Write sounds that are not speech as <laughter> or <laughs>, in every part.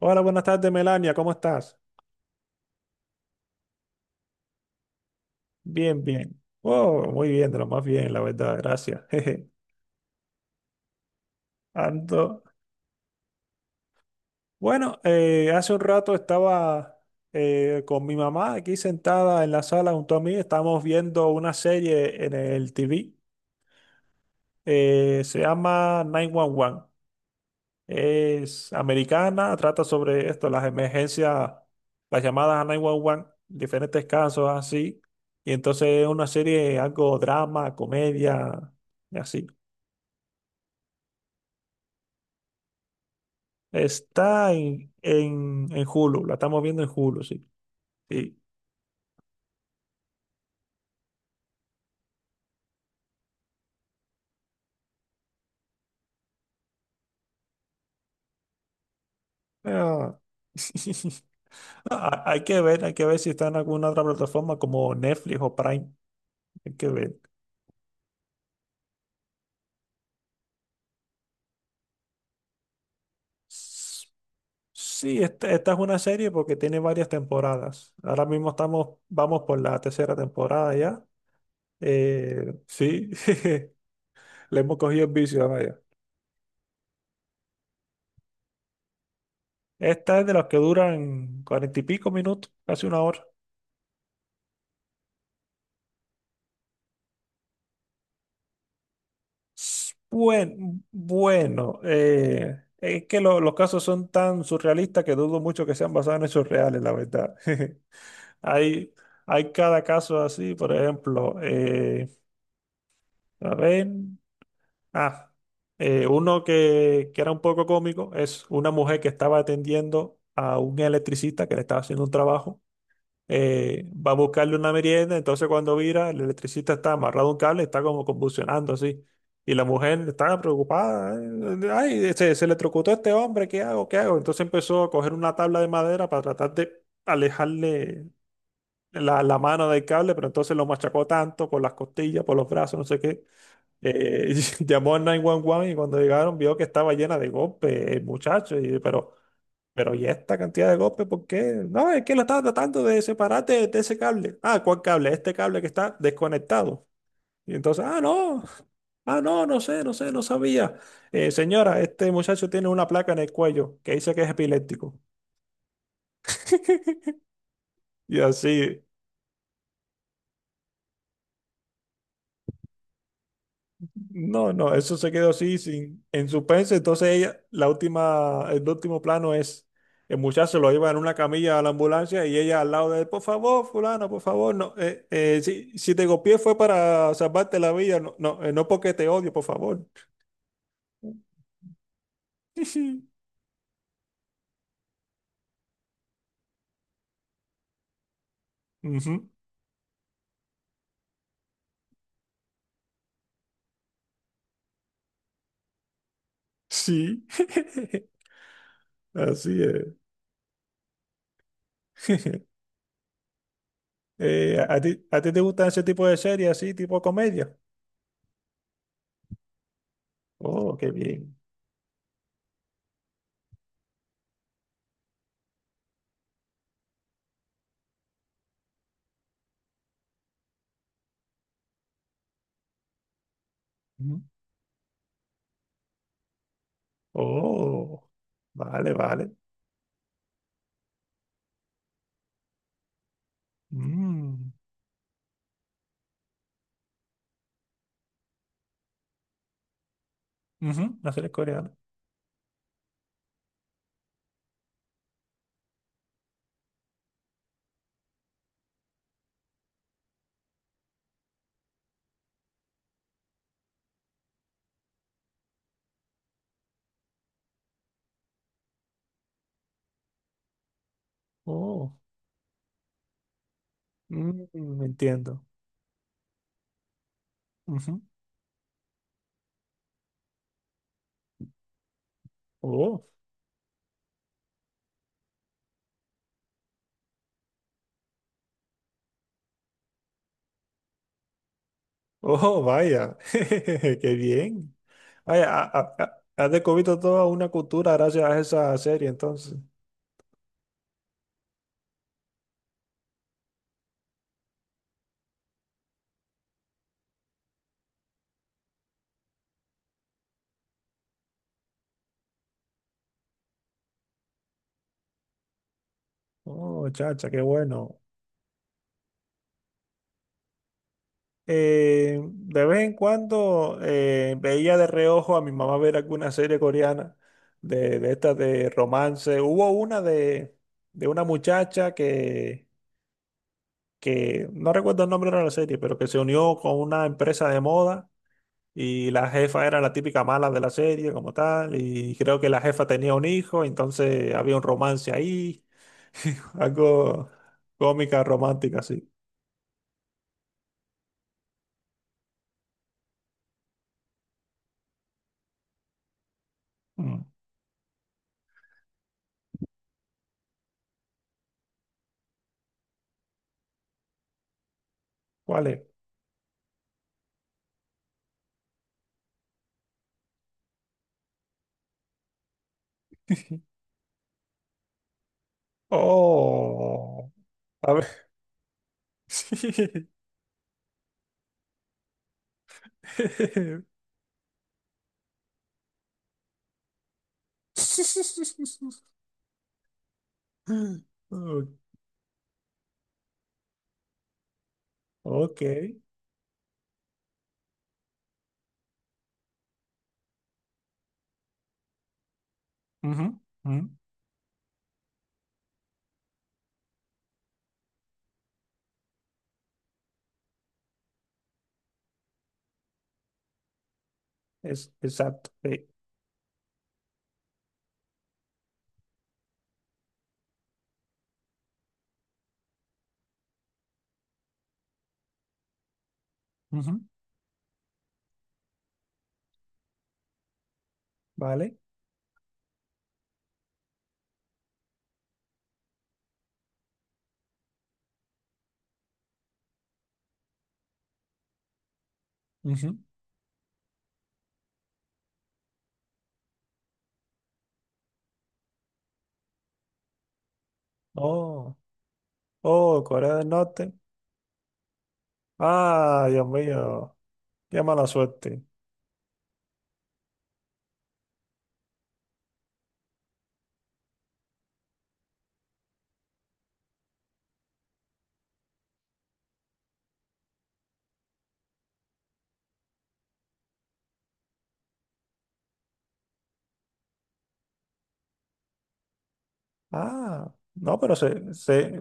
Hola, buenas tardes, Melania, ¿cómo estás? Bien, bien. Oh, muy bien, de lo más bien, la verdad, gracias. <laughs> Jeje. Ando. Bueno, hace un rato estaba con mi mamá aquí sentada en la sala junto a mí. Estábamos viendo una serie en el TV. Se llama 911. Es americana, trata sobre esto, las emergencias, las llamadas a 911, diferentes casos así. Y entonces es una serie, algo drama, comedia, y así. Está en Hulu, la estamos viendo en Hulu, sí. Sí. Ah. <laughs> Ah, hay que ver si está en alguna otra plataforma como Netflix o Prime. Hay que ver. Sí, esta es una serie porque tiene varias temporadas. Ahora mismo vamos por la tercera temporada ya. Sí, <laughs> le hemos cogido el vicio, vaya. Esta es de las que duran cuarenta y pico minutos, casi una hora. Es que los casos son tan surrealistas que dudo mucho que sean basados en hechos reales, la verdad. <laughs> Hay, hay cada caso así, por ejemplo, a ver. Ah, uno que era un poco cómico es una mujer que estaba atendiendo a un electricista que le estaba haciendo un trabajo. Va a buscarle una merienda, entonces cuando vira, el electricista está amarrado a un cable, está como convulsionando así. Y la mujer estaba preocupada. Ay, se electrocutó este hombre, ¿qué hago? ¿Qué hago? Entonces empezó a coger una tabla de madera para tratar de alejarle la mano del cable, pero entonces lo machacó tanto por las costillas, por los brazos, no sé qué, eh, <laughs> llamó al 911 y cuando llegaron vio que estaba llena de golpes, el muchacho. Pero ¿y esta cantidad de golpes por qué? No, es que la estaba tratando de separarte de ese cable. Ah, ¿cuál cable? Este cable que está desconectado. Y entonces, ah, no, ah, no, no sé, no sé, no sabía. Señora, este muchacho tiene una placa en el cuello que dice que es epiléptico. Y así. No, no, eso se quedó así sin, en suspense. Entonces ella, el último plano es el muchacho lo lleva en una camilla a la ambulancia y ella al lado de él, por favor, fulano, por favor, no, si te copié fue para salvarte la vida, no, no, no porque te odio, por favor. <laughs> Ujú. Sí, <laughs> así es. <laughs> ¿A ti te gustan ese tipo de series, así, tipo comedia? Oh, qué bien. Ujú. Oh, vale, vale. Mm. Ujú, la serie coreana. Oh, entiendo. Ujú. Oh, oh, vaya. <laughs> Qué bien. Vaya, has descubierto toda una cultura gracias a esa serie, entonces. Oh, chacha, qué bueno. De vez en cuando veía de reojo a mi mamá ver alguna serie coreana de estas de romance. Hubo una de una muchacha que no recuerdo el nombre de la serie, pero que se unió con una empresa de moda. Y la jefa era la típica mala de la serie como tal. Y creo que la jefa tenía un hijo, entonces había un romance ahí. <laughs> Algo cómica, romántica, así. Mm, ¿Cuál es? Oh, a ver. <laughs> Sí. Ok. Ok. Ujú, ujú. Exacto. Sí. Ujú, vale. Ujú. Oh, oh, Corea del Norte. Ah, Dios mío. Qué mala suerte. Ah, no, pero se, se,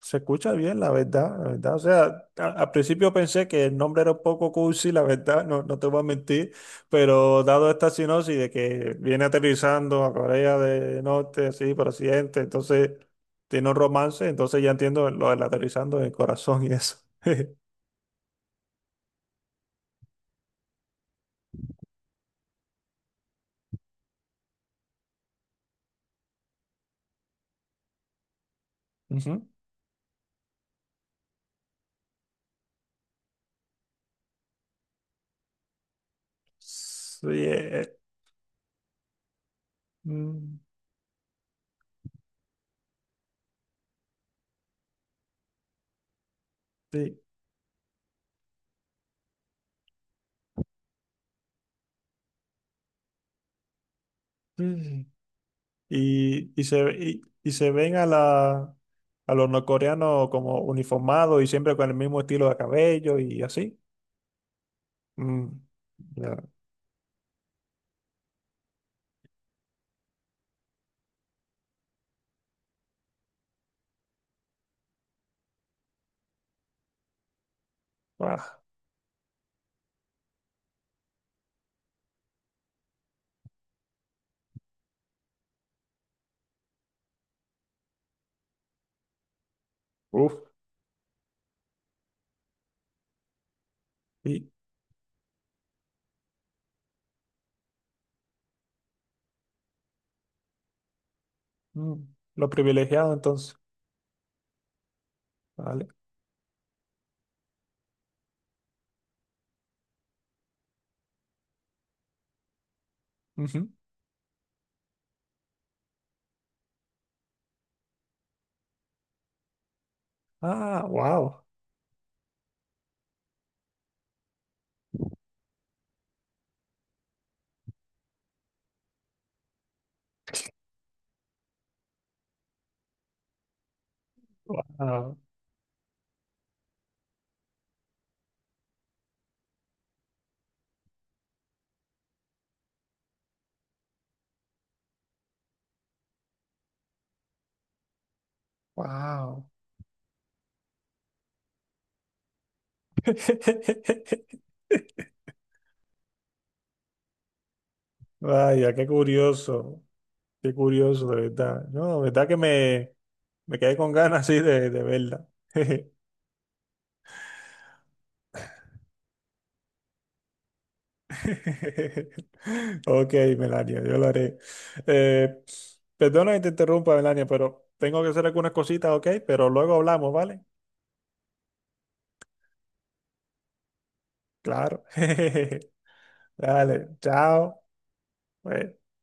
se escucha bien, la verdad, la verdad. O sea, al principio pensé que el nombre era un poco cursi, la verdad, no, no te voy a mentir, pero dado esta sinopsis de que viene aterrizando a Corea del Norte, así, por accidente, entonces tiene un romance, entonces ya entiendo lo del aterrizando en el corazón y eso. Ujú. Sí, mm, sí. Y se ven a los norcoreanos como uniformados y siempre con el mismo estilo de cabello y así. Mm, ya, ah, uf, y mm, lo privilegiado entonces. Vale. Ujú. Ah, wow. Wow. Wow. <laughs> Vaya, qué curioso. Qué curioso, de verdad. No, de verdad que me quedé con ganas así de verla. <laughs> <laughs> Ok, Melania, yo lo haré. Eh, perdona que te interrumpa, Melania, pero tengo que hacer algunas cositas, ok, pero luego hablamos, ¿vale? Claro. <laughs> Dale, chao. Bueno.